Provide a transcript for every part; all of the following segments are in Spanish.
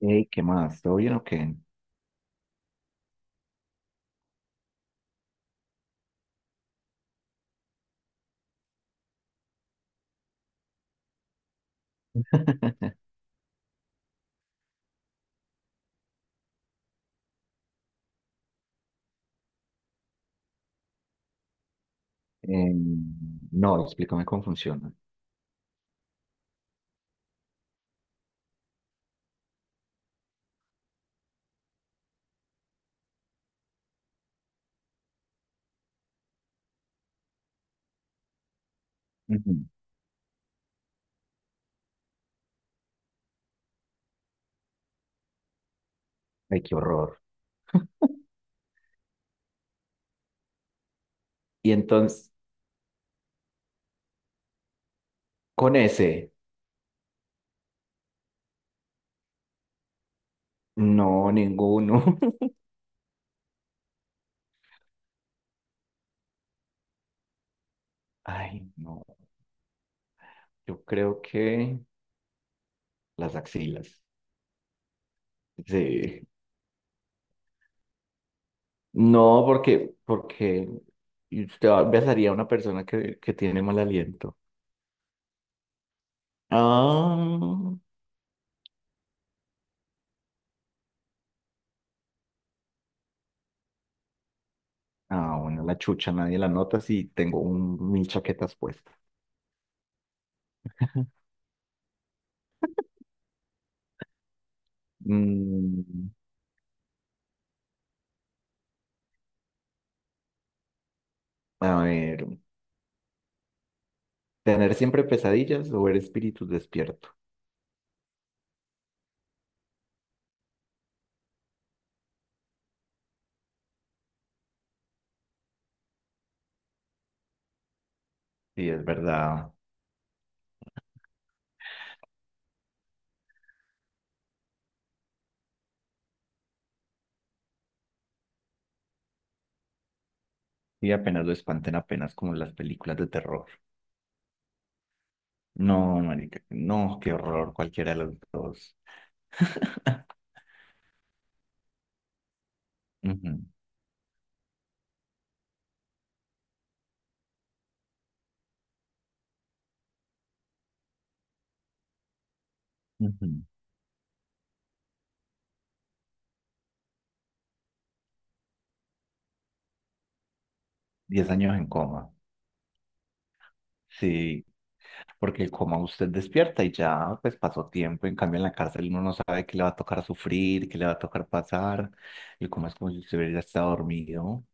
Hey, ¿qué más? ¿Todo bien o qué? Em, no, explícame cómo funciona. Ujú. Ay, qué horror. Y entonces, con ese, no, ninguno. Ay, no, yo creo que las axilas. Sí. No, porque usted besaría a una persona que tiene mal aliento. Ah, ah, bueno, la chucha, nadie la nota si tengo mil chaquetas puestas. Mm, a ver. Tener siempre pesadillas o ver espíritus despierto. Sí, es verdad. Y apenas lo espanten, apenas como en las películas de terror. No, marica, no, qué horror, cualquiera de los dos. Ujú, ujú. 10 años en coma. Sí, porque el coma usted despierta y ya pues pasó tiempo. En cambio, en la cárcel uno no sabe qué le va a tocar sufrir, qué le va a tocar pasar. El coma es como si usted hubiera estado dormido.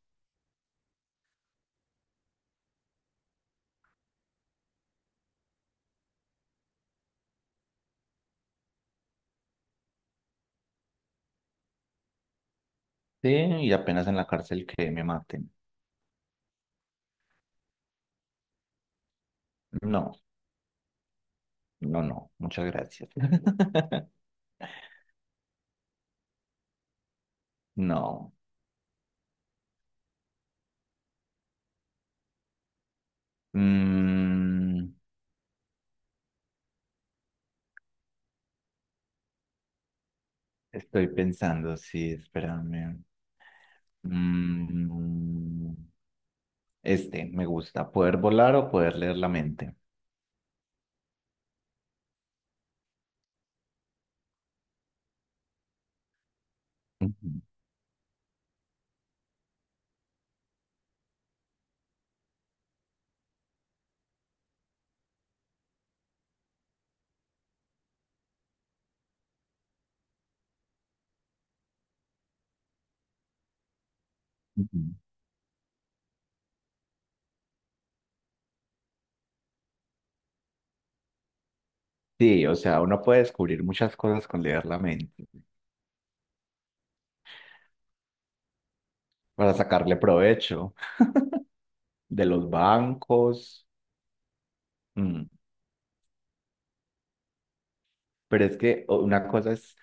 Sí, y apenas en la cárcel que me maten. No. No, no, muchas gracias. No. Mm, Estoy pensando, sí, espérame. Mm, este, me gusta, poder volar o poder leer la mente. Ujú, ujú. Sí, o sea, uno puede descubrir muchas cosas con leer la mente, para sacarle provecho de los bancos. Mm, Pero es que una cosa es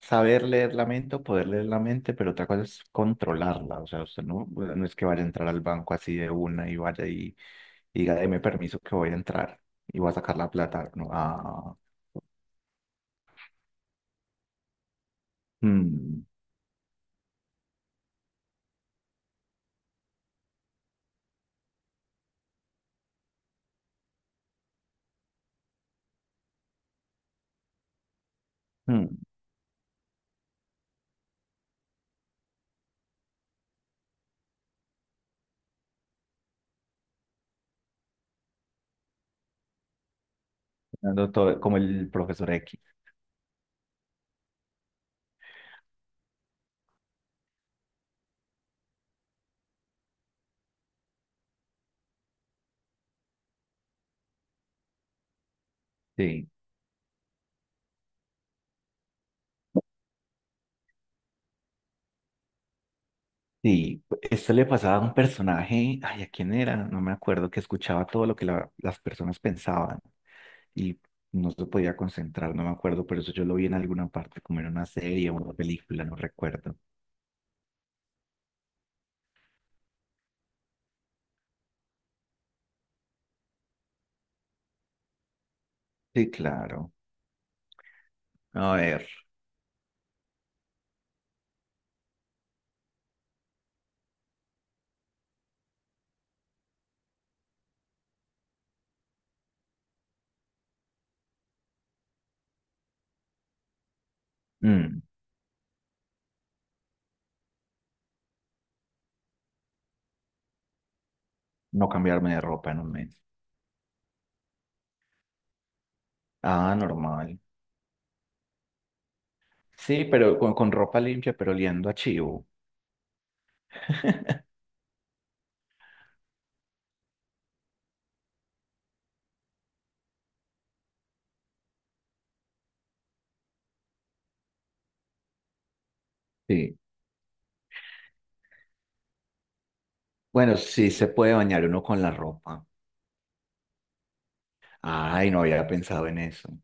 saber leer la mente o poder leer la mente, pero otra cosa es controlarla. O sea, usted no, bueno, no es que vaya a entrar al banco así de una y vaya y diga, deme permiso que voy a entrar y voy a sacar la plata. No, mm, mm, dando como el profesor X. Sí. Sí, esto le pasaba a un personaje, ay, ¿a quién era? No me acuerdo, que escuchaba todo lo que las personas pensaban y no se podía concentrar, no me acuerdo, pero eso yo lo vi en alguna parte, como en una serie o una película, no recuerdo. Sí, claro. A ver, mm, no cambiarme de ropa en un mes. Ah, normal. Sí, pero con ropa limpia, pero oliendo a chivo. Sí. Bueno, sí se puede bañar uno con la ropa. Ay, no había pensado en eso.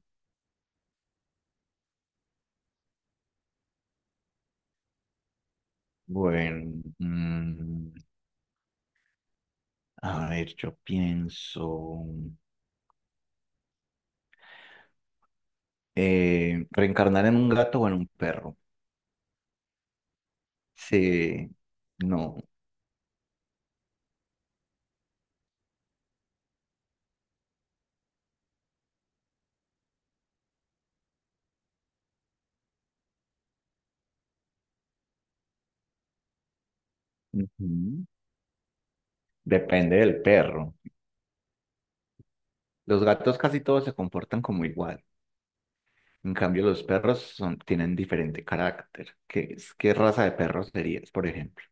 Bueno, a ver, yo pienso reencarnar en un gato o en un perro. Sí, no. Ujú. Depende del perro. Los gatos casi todos se comportan como igual. En cambio, los perros son, tienen diferente carácter. ¿Qué, qué raza de perro serías, por ejemplo?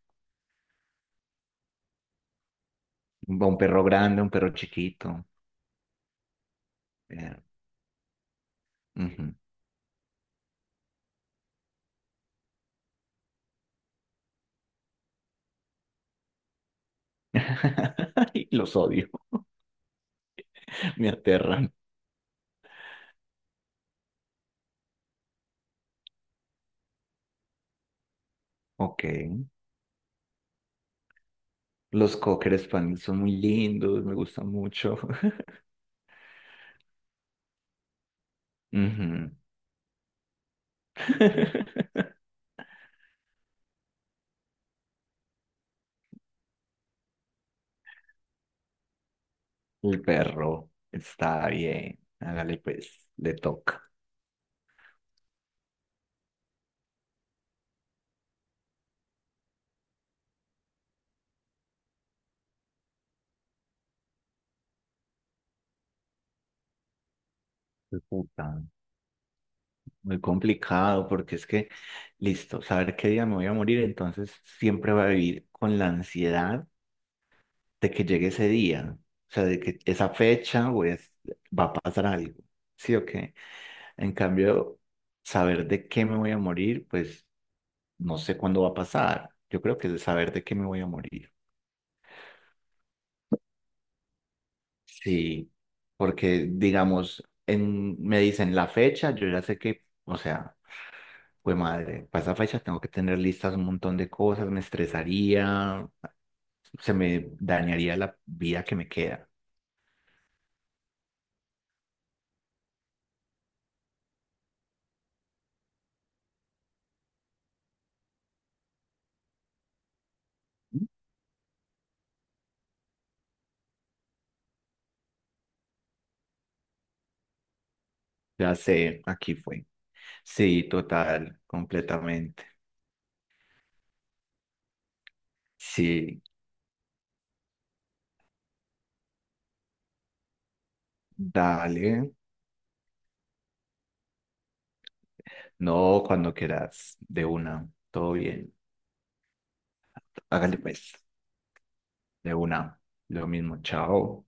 Un perro grande, un perro chiquito. Eh, Ujú. Ay, los odio, me aterran. Ok. Los cocker spaniels son muy lindos, me gustan mucho. Ujú. El perro está bien. Hágale pues, le toca. Puta. Muy complicado porque es que, listo, saber qué día me voy a morir, entonces siempre va a vivir con la ansiedad de que llegue ese día, o sea, de que esa fecha o va a pasar algo, ¿sí o qué? En cambio, saber de qué me voy a morir, pues no sé cuándo va a pasar. Yo creo que es saber de qué me voy a morir. Sí, porque digamos, en, me dicen la fecha, yo ya sé que, o sea... Pues madre, para esa fecha tengo que tener listas un montón de cosas, me estresaría, se me dañaría la vida que me queda. Ya sé, aquí fue. Sí, total, completamente. Sí, dale. No, cuando quieras, de una, todo bien. Hágale pues, de una, lo mismo, chao.